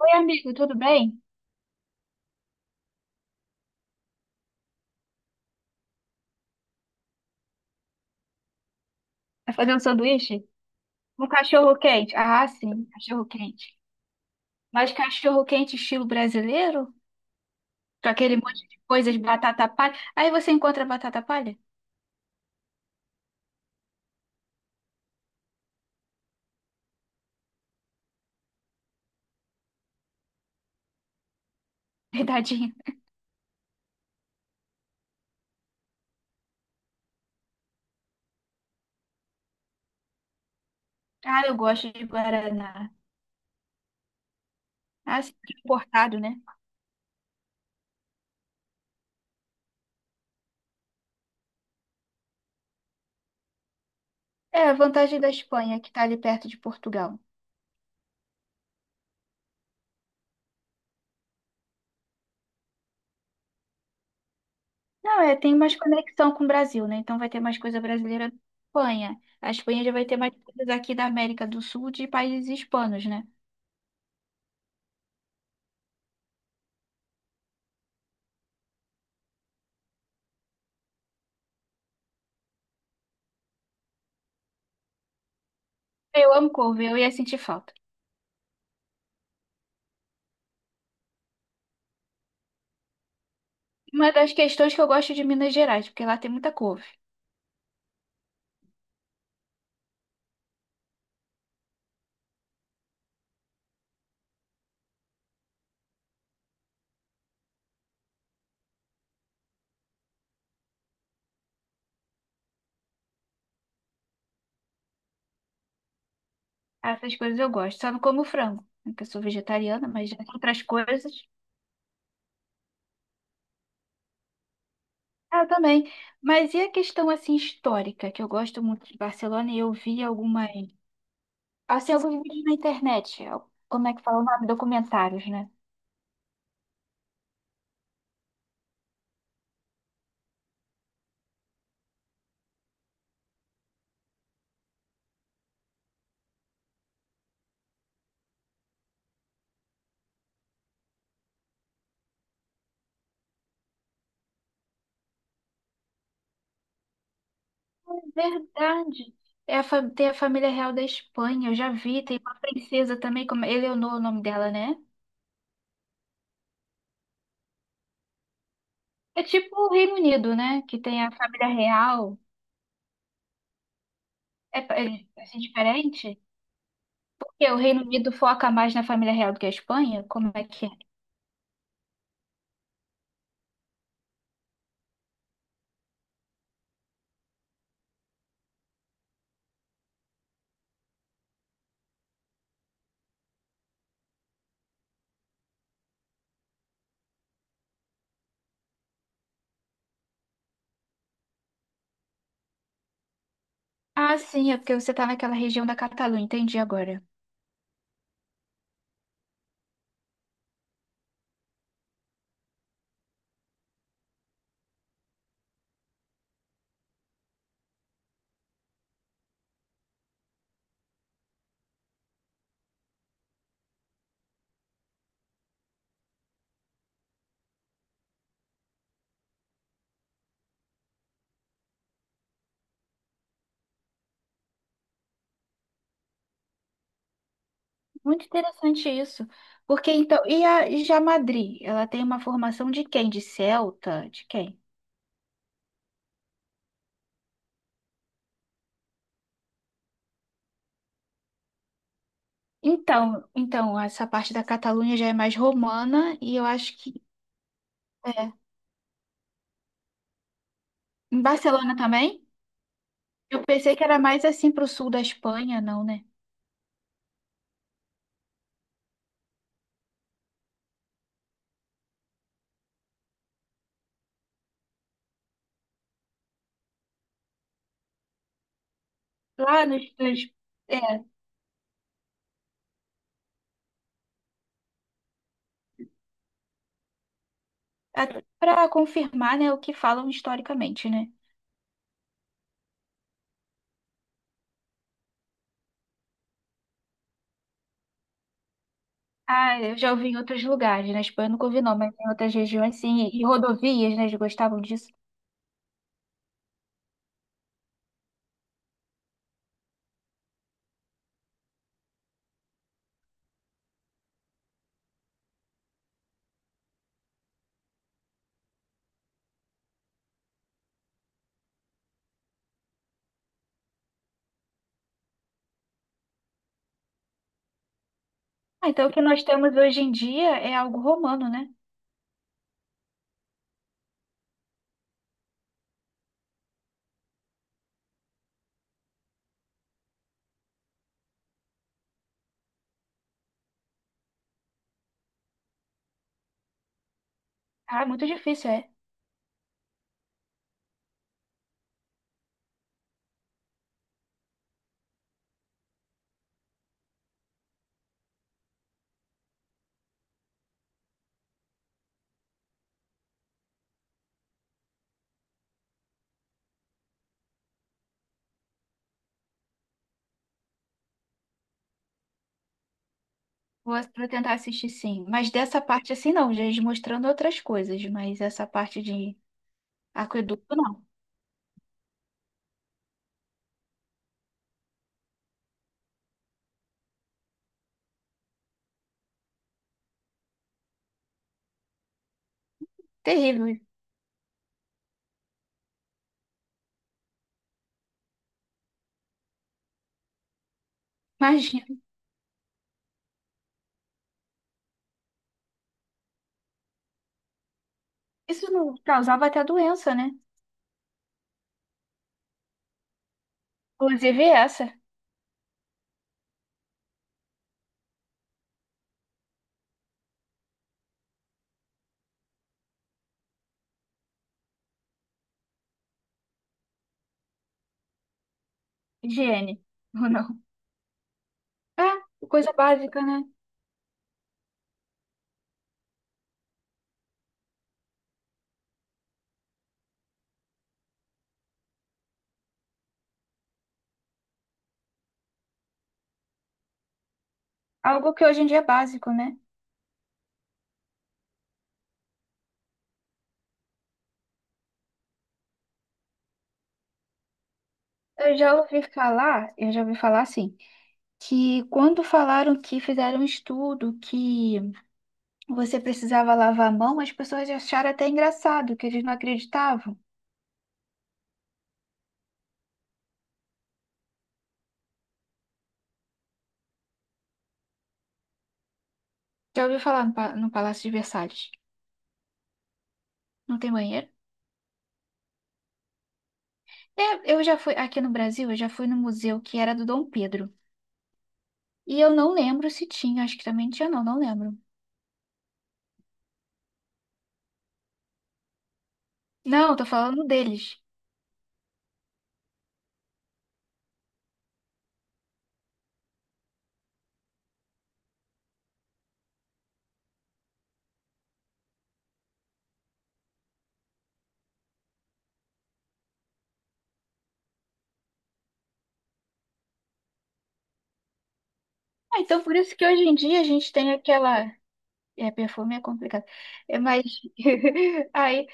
Oi, amigo, tudo bem? Vai fazer um sanduíche? Um cachorro quente. Ah, sim, cachorro quente. Mas cachorro quente estilo brasileiro? Com aquele monte de coisas, batata palha. Aí você encontra batata palha? Verdadinho. Ah, eu gosto de Guaraná. Ah, sim, importado, né? É, a vantagem da Espanha, que tá ali perto de Portugal. Não, é, tem mais conexão com o Brasil, né? Então vai ter mais coisa brasileira na Espanha. A Espanha já vai ter mais coisas aqui da América do Sul, de países hispanos, né? Eu amo couve, eu ia sentir falta. Uma das questões que eu gosto de Minas Gerais, porque lá tem muita couve. Essas coisas eu gosto. Só não como frango, né, que eu sou vegetariana, mas já tem outras coisas. Ah, eu também. Mas e a questão assim histórica, que eu gosto muito de Barcelona e eu vi algumas, assim, alguns vídeos na internet. Como é que fala o nome? Documentários, né? É verdade. É a fa- Tem a família real da Espanha, eu já vi. Tem uma princesa também, como Eleonor, é o nome dela, né? É tipo o Reino Unido, né? Que tem a família real. É, pa- é assim, diferente? Que o Reino Unido foca mais na família real do que a Espanha? Como é que é? Ah, sim, é porque você tá naquela região da Catalunha, entendi agora. Muito interessante isso. Porque então, e a e já Madrid, ela tem uma formação de quem? De celta? De quem? Então, então essa parte da Catalunha já é mais romana e eu acho que é. Em Barcelona também? Eu pensei que era mais assim pro sul da Espanha, não, né? Lá nos, nos é, para confirmar, né, o que falam historicamente, né? Ah, eu já ouvi em outros lugares, na Espanha eu nunca ouvi não, mas em outras regiões sim, e rodovias, né, eles gostavam disso. Ah, então o que nós temos hoje em dia é algo romano, né? Ah, muito difícil, é. Vou tentar assistir sim, mas dessa parte assim não, já eles mostrando outras coisas, mas essa parte de aqueduto não, terrível, imagina. Isso não causava até doença, né? Inclusive essa, higiene, ou não? É, coisa básica, né? Algo que hoje em dia é básico, né? Eu já ouvi falar assim. Que quando falaram que fizeram um estudo que você precisava lavar a mão, as pessoas acharam até engraçado, que eles não acreditavam. Já ouviu falar no, Pa- no Palácio de Versalhes? Não tem banheiro? É, eu já fui aqui no Brasil, eu já fui no museu que era do Dom Pedro. E eu não lembro se tinha, acho que também tinha, não, não lembro. Não, tô falando deles. Ah, então por isso que hoje em dia a gente tem aquela. É, perfume é complicado. É, mas aí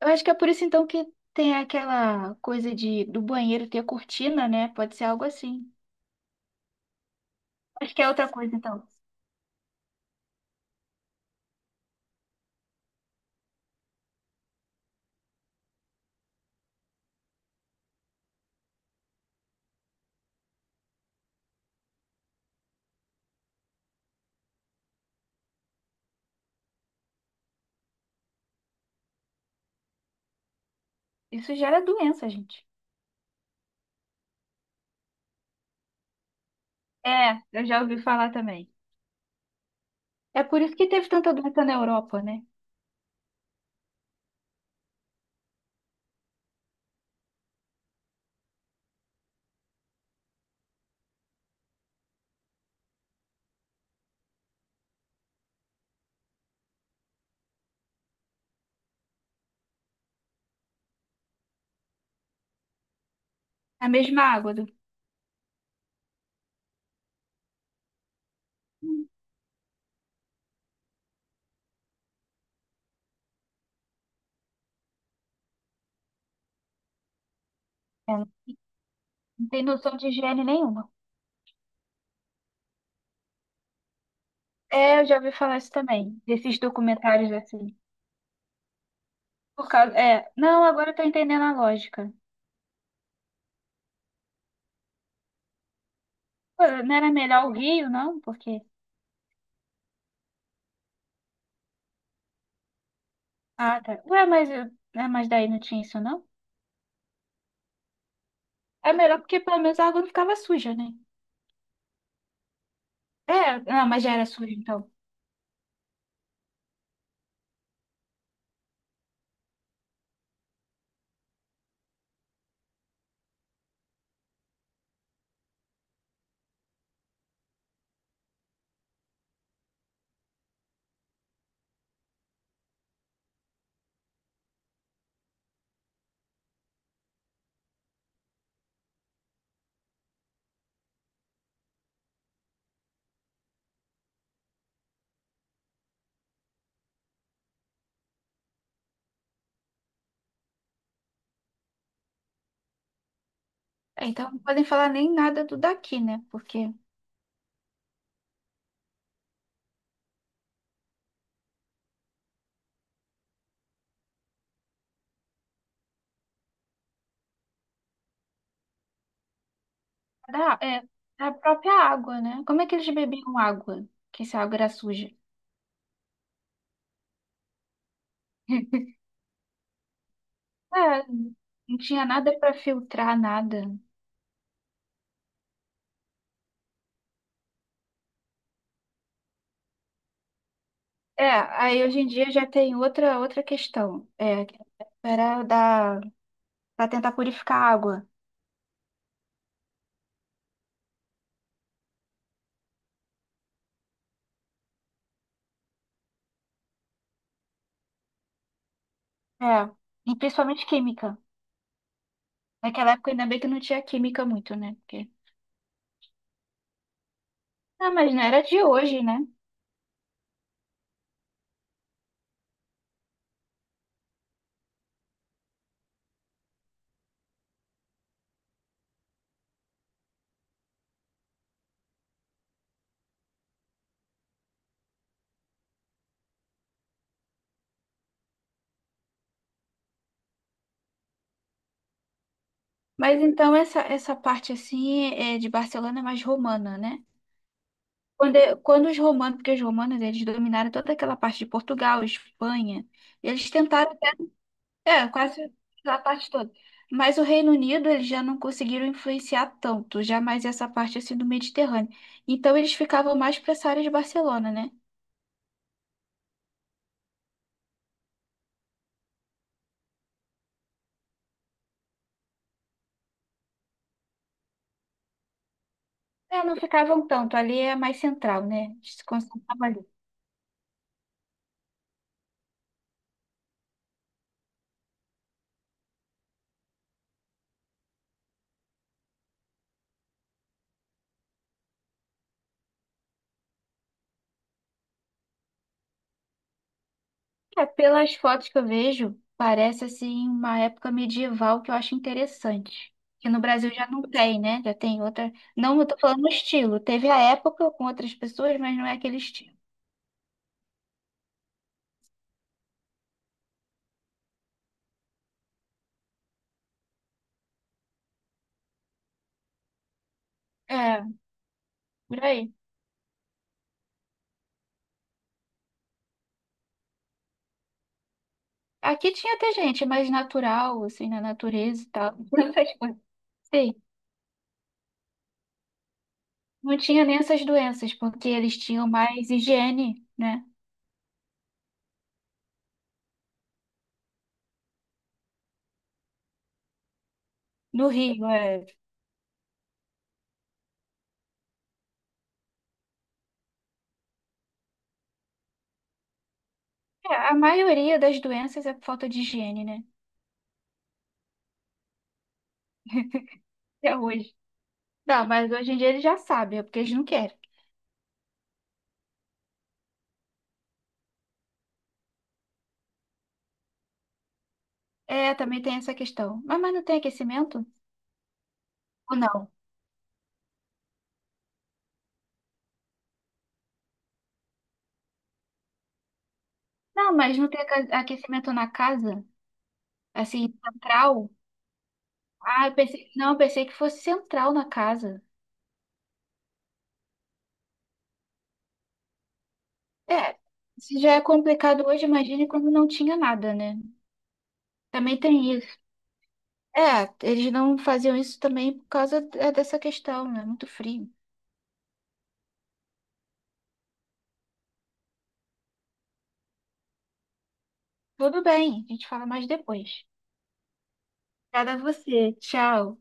eu acho que é por isso então que tem aquela coisa de do banheiro ter cortina, né? Pode ser algo assim. Acho que é outra coisa então. Isso gera doença, gente. É, eu já ouvi falar também. É por isso que teve tanta doença na Europa, né? A mesma água do... É, não tem noção de higiene nenhuma. É, eu já ouvi falar isso também, desses documentários assim. Por causa, é, não, agora eu tô entendendo a lógica. Pô, não era melhor o Rio, não? Porque Ah, tá. Ué, mas, eu- ah, mas daí não tinha isso, não? É melhor porque pelo menos a água não ficava suja, né? É, não, mas já era suja, então. É, então não podem falar nem nada do daqui, né? Porque da, é, da própria água, né? Como é que eles bebiam água? Que essa água era suja. É, não tinha nada para filtrar, nada. É, aí hoje em dia já tem outra, outra questão. É, que era da, para tentar purificar a água. É, e principalmente química. Naquela época, ainda bem que não tinha química muito, né? Porque... Ah, mas não era de hoje, né? Mas então essa parte assim é de Barcelona é mais romana, né? Quando, é- quando os romanos, porque os romanos eles dominaram toda aquela parte de Portugal, Espanha, eles tentaram, é, quase a parte toda. Mas o Reino Unido eles já não conseguiram influenciar tanto, já mais essa parte assim do Mediterrâneo. Então eles ficavam mais para essa área de Barcelona, né? É, não ficavam tanto, ali é mais central, né? Eles se concentravam ali. É, pelas fotos que eu vejo, parece assim uma época medieval que eu acho interessante. Que no Brasil já não tem, né? Já tem outra. Não, eu tô falando o estilo. Teve a época com outras pessoas, mas não é aquele estilo. É, por aí. Aqui tinha até gente mais natural, assim, na natureza e tal. Essas coisas. Sim, não tinha nem essas doenças, porque eles tinham mais higiene, né? No Rio, é. É, a maioria das doenças é por falta de higiene, né? Até hoje. Não, mas hoje em dia eles já sabem, é porque eles não querem. É, também tem essa questão. Mas, não tem aquecimento? Ou não? Não, mas não tem aca- aquecimento na casa? Assim, central? Ah, eu pensei, não, eu pensei que fosse central na casa. É, se já é complicado hoje, imagine quando não tinha nada, né? Também tem isso. É, eles não faziam isso também por causa é, dessa questão, né? Muito frio. Tudo bem, a gente fala mais depois. Obrigada a você. Tchau.